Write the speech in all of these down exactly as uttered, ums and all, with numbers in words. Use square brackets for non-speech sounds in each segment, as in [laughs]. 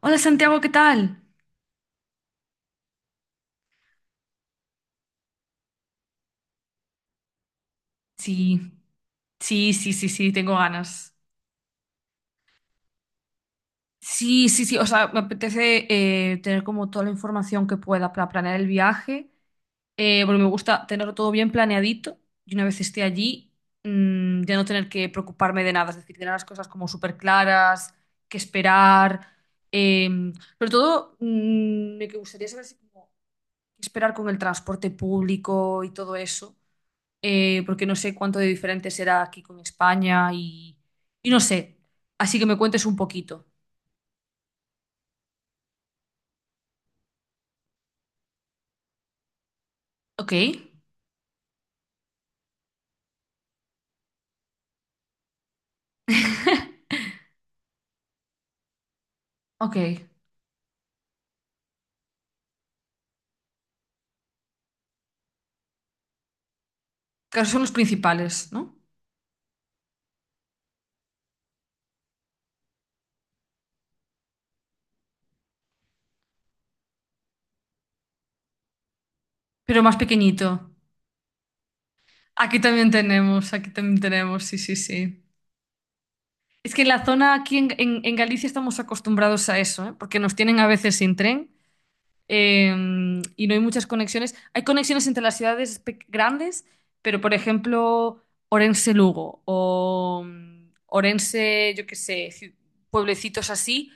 Hola Santiago, ¿qué tal? Sí, sí, sí, sí, sí, tengo ganas. Sí, sí, sí, o sea, me apetece eh, tener como toda la información que pueda para planear el viaje, eh, porque me gusta tenerlo todo bien planeadito y una vez esté allí, mm, ya no tener que preocuparme de nada, es decir, tener las cosas como súper claras, qué esperar, eh, sobre todo mm, me gustaría saber si como, qué esperar con el transporte público y todo eso, eh, porque no sé cuánto de diferente será aquí con España y, y no sé. Así que me cuentes un poquito. Ok, [laughs] ok. Claro, son los principales, ¿no? Pero más pequeñito. Aquí también tenemos, aquí también tenemos, sí, sí, sí. Es que en la zona aquí en, en- en Galicia estamos acostumbrados a eso, ¿eh? Porque nos tienen a veces sin tren. eh, y no hay muchas conexiones. Hay conexiones entre las ciudades pe- grandes, pero por ejemplo, Orense-Lugo o mm, Orense, yo qué sé, ci- pueblecitos así,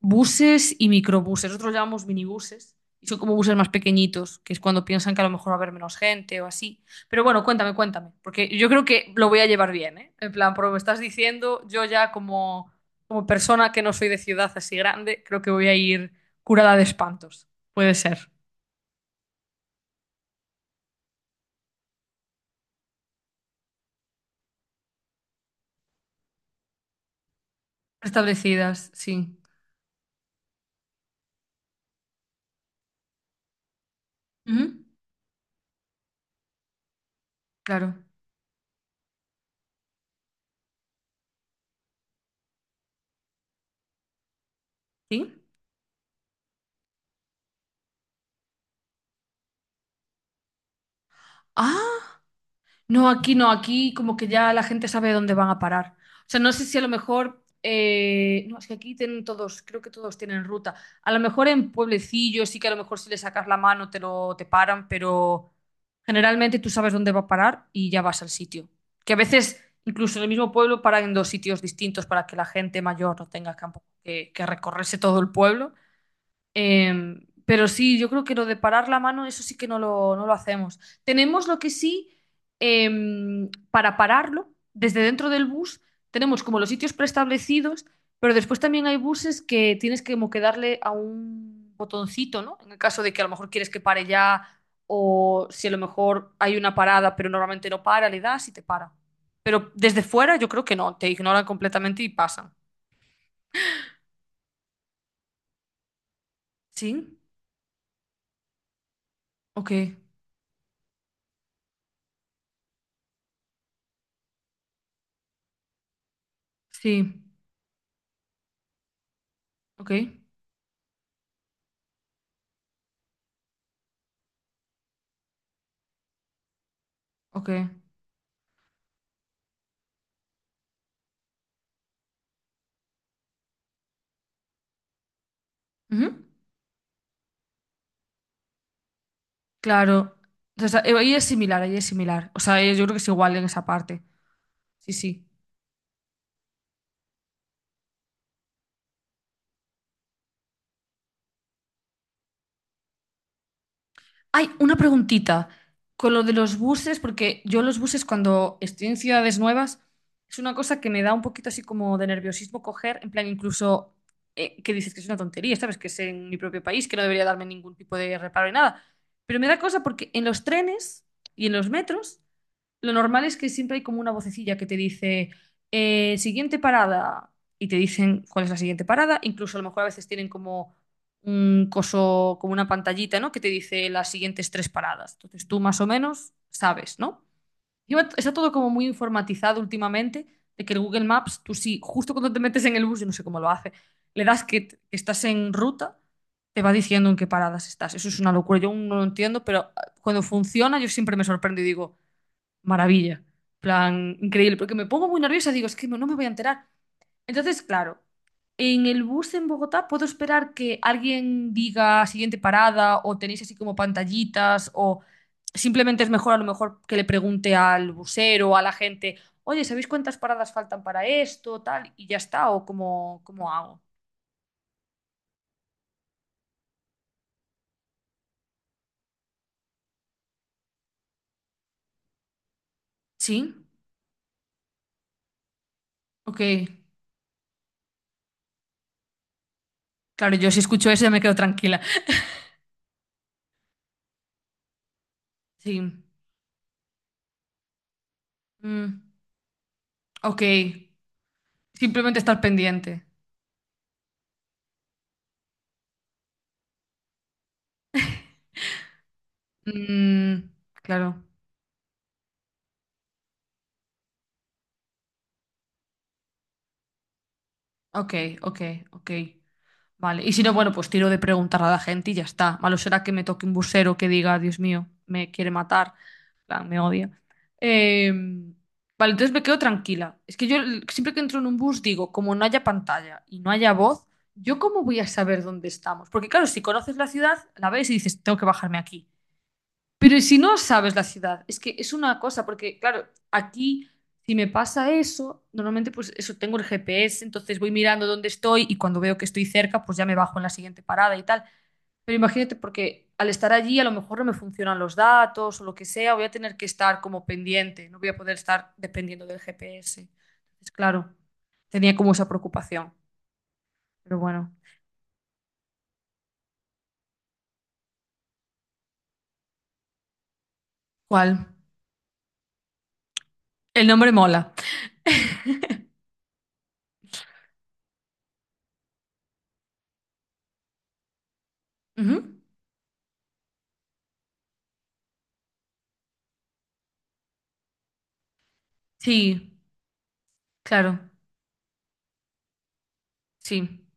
buses y microbuses. Nosotros los llamamos minibuses. Y son como buses más pequeñitos, que es cuando piensan que a lo mejor va a haber menos gente o así. Pero bueno, cuéntame, cuéntame. Porque yo creo que lo voy a llevar bien, ¿eh? En plan, por lo que me estás diciendo, yo ya como, como persona que no soy de ciudad así grande, creo que voy a ir curada de espantos. Puede ser. Establecidas, sí. Ujú. Claro. ¿Sí? Ah, no, aquí no, aquí como que ya la gente sabe dónde van a parar. O sea, no sé si a lo mejor, eh, no, es que aquí tienen todos, creo que todos tienen ruta. A lo mejor en pueblecillos sí que a lo mejor si le sacas la mano te lo te paran, pero generalmente tú sabes dónde va a parar y ya vas al sitio. Que a veces incluso en el mismo pueblo paran en dos sitios distintos para que la gente mayor no tenga campo que, que recorrerse todo el pueblo. Eh, pero sí, yo creo que lo de parar la mano, eso sí que no lo, no lo hacemos. Tenemos lo que sí, eh, para pararlo, desde dentro del bus, tenemos como los sitios preestablecidos, pero después también hay buses que tienes que como que darle a un botoncito, ¿no? En el caso de que a lo mejor quieres que pare ya, o si a lo mejor hay una parada, pero normalmente no para, le das y te para. Pero desde fuera yo creo que no, te ignoran completamente y pasan. ¿Sí? Ok, sí, ok, ok. Ujú. Claro. Entonces, eh, ahí es similar, ahí es similar. O sea, eh, yo creo que es igual en esa parte. Sí, sí. Hay una preguntita con lo de los buses, porque yo los buses cuando estoy en ciudades nuevas es una cosa que me da un poquito así como de nerviosismo coger, en plan incluso eh, que dices que es una tontería, ¿sabes? Que es en mi propio país, que no debería darme ningún tipo de reparo ni nada. Pero me da cosa porque en los trenes y en los metros lo normal es que siempre hay como una vocecilla que te dice, eh, siguiente parada, y te dicen cuál es la siguiente parada. Incluso a lo mejor a veces tienen como un coso, como una pantallita, ¿no? Que te dice las siguientes tres paradas. Entonces tú más o menos sabes, ¿no? Y va- está todo como muy informatizado últimamente, de que el Google Maps, tú sí, justo cuando te metes en el bus, yo no sé cómo lo hace, le das que, que estás en ruta, te va diciendo en qué paradas estás. Eso es una locura, yo aún no lo entiendo, pero ah, cuando funciona yo siempre me sorprendo y digo maravilla. Plan, increíble, porque me pongo muy nerviosa, digo, es que no no me voy a enterar. Entonces, claro, en el bus en Bogotá puedo esperar que alguien diga siguiente parada o tenéis así como pantallitas o simplemente es mejor a lo mejor que le pregunte al busero o a la gente, oye, ¿sabéis cuántas paradas faltan para esto, tal? Y ya está, o cómo, cómo hago. ¿Sí? Ok. Claro, yo si escucho eso ya me quedo tranquila. [laughs] Sí. Mm, ok. Simplemente estar pendiente. Mm, claro. Ok, ok, ok. Vale. Y si no, bueno, pues tiro de preguntar a la gente y ya está. Malo será que me toque un busero que diga, Dios mío, me quiere matar. En plan, me odia. Eh, vale, entonces me quedo tranquila. Es que yo l- siempre que entro en un bus digo, como no haya pantalla y no haya voz, ¿yo cómo voy a saber dónde estamos? Porque claro, si conoces la ciudad, la ves y dices, tengo que bajarme aquí. Pero si no sabes la ciudad, es que es una cosa, porque claro, aquí si me pasa eso, normalmente pues eso tengo el G P S, entonces voy mirando dónde estoy y cuando veo que estoy cerca, pues ya me bajo en la siguiente parada y tal. Pero imagínate, porque al estar allí a lo mejor no me funcionan los datos o lo que sea, voy a tener que estar como pendiente, no voy a poder estar dependiendo del G P S. Entonces, claro, tenía como esa preocupación. Pero bueno, ¿cuál? El nombre mola. Ujú. Sí, claro, sí.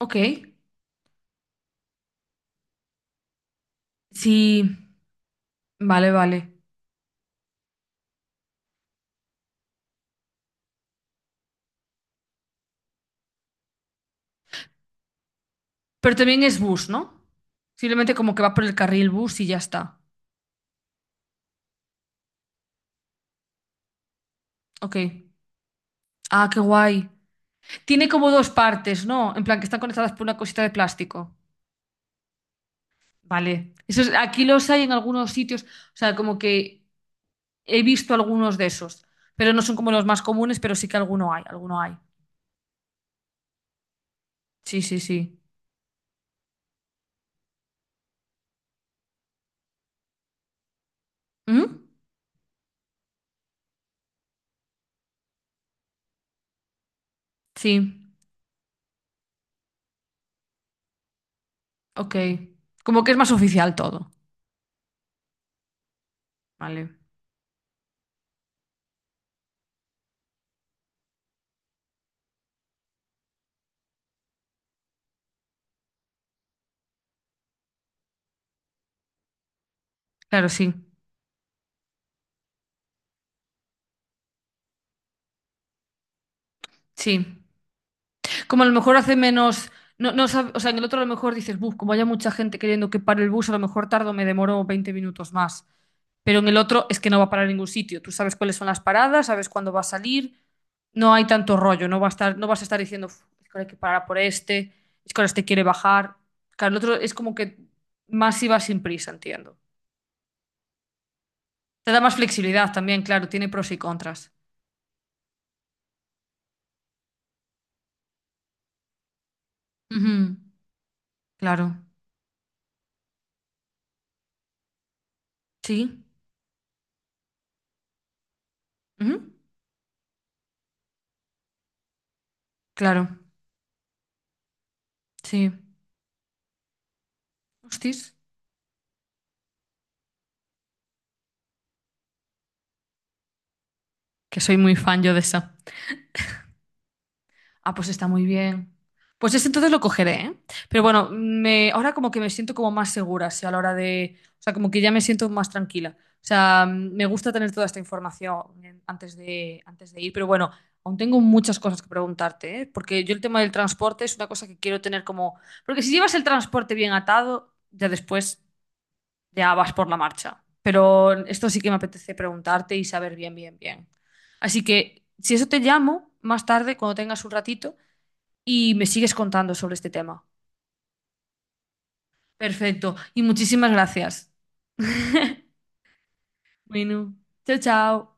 Ok. Sí, vale, vale. Pero también es bus, ¿no? Simplemente como que va por el carril bus y ya está. Ok. Ah, qué guay. Tiene como dos partes, ¿no? En plan, que están conectadas por una cosita de plástico. Vale. Eso es- aquí los hay en algunos sitios. O sea, como que he visto algunos de esos. Pero no son como los más comunes, pero sí que alguno hay, alguno hay. Sí, sí, sí. ¿Mm? Sí, ok. Como que es más oficial todo. Vale. Claro, sí. Sí. Como a lo mejor hace menos. No, no, sab- o sea, en el otro a lo mejor dices, "Buf, como haya mucha gente queriendo que pare el bus, a lo mejor tardo, me demoro veinte minutos más. Pero en el otro es que no va a parar en ningún sitio. Tú sabes cuáles son las paradas, sabes cuándo va a salir, no hay tanto rollo, no va a estar, no vas a estar diciendo, "Uf, es que ahora hay que parar por este, es que ahora este quiere bajar. Claro, el otro es como que más iba sin prisa, entiendo. Te da más flexibilidad también, claro, tiene pros y contras. Ujú. Claro. Sí. Ujú. Claro. Sí. Hostis. Que soy muy fan yo de esa. Ah, pues está muy bien. Pues ese entonces lo cogeré, ¿eh? Pero bueno, me, ahora como que me siento como más segura, sí, a la hora de... O sea, como que ya me siento más tranquila. O sea, me gusta tener toda esta información en- antes de, antes de ir, pero bueno, aún tengo muchas cosas que preguntarte, ¿eh? Porque yo el tema del transporte es una cosa que quiero tener como... Porque si llevas el transporte bien atado, ya después ya vas por la marcha. Pero esto sí que me apetece preguntarte y saber bien, bien, bien. Así que, si eso te llamo más tarde, cuando tengas un ratito, y me sigues contando sobre este tema. Perfecto. Y muchísimas gracias. [laughs] Bueno, chao, chao.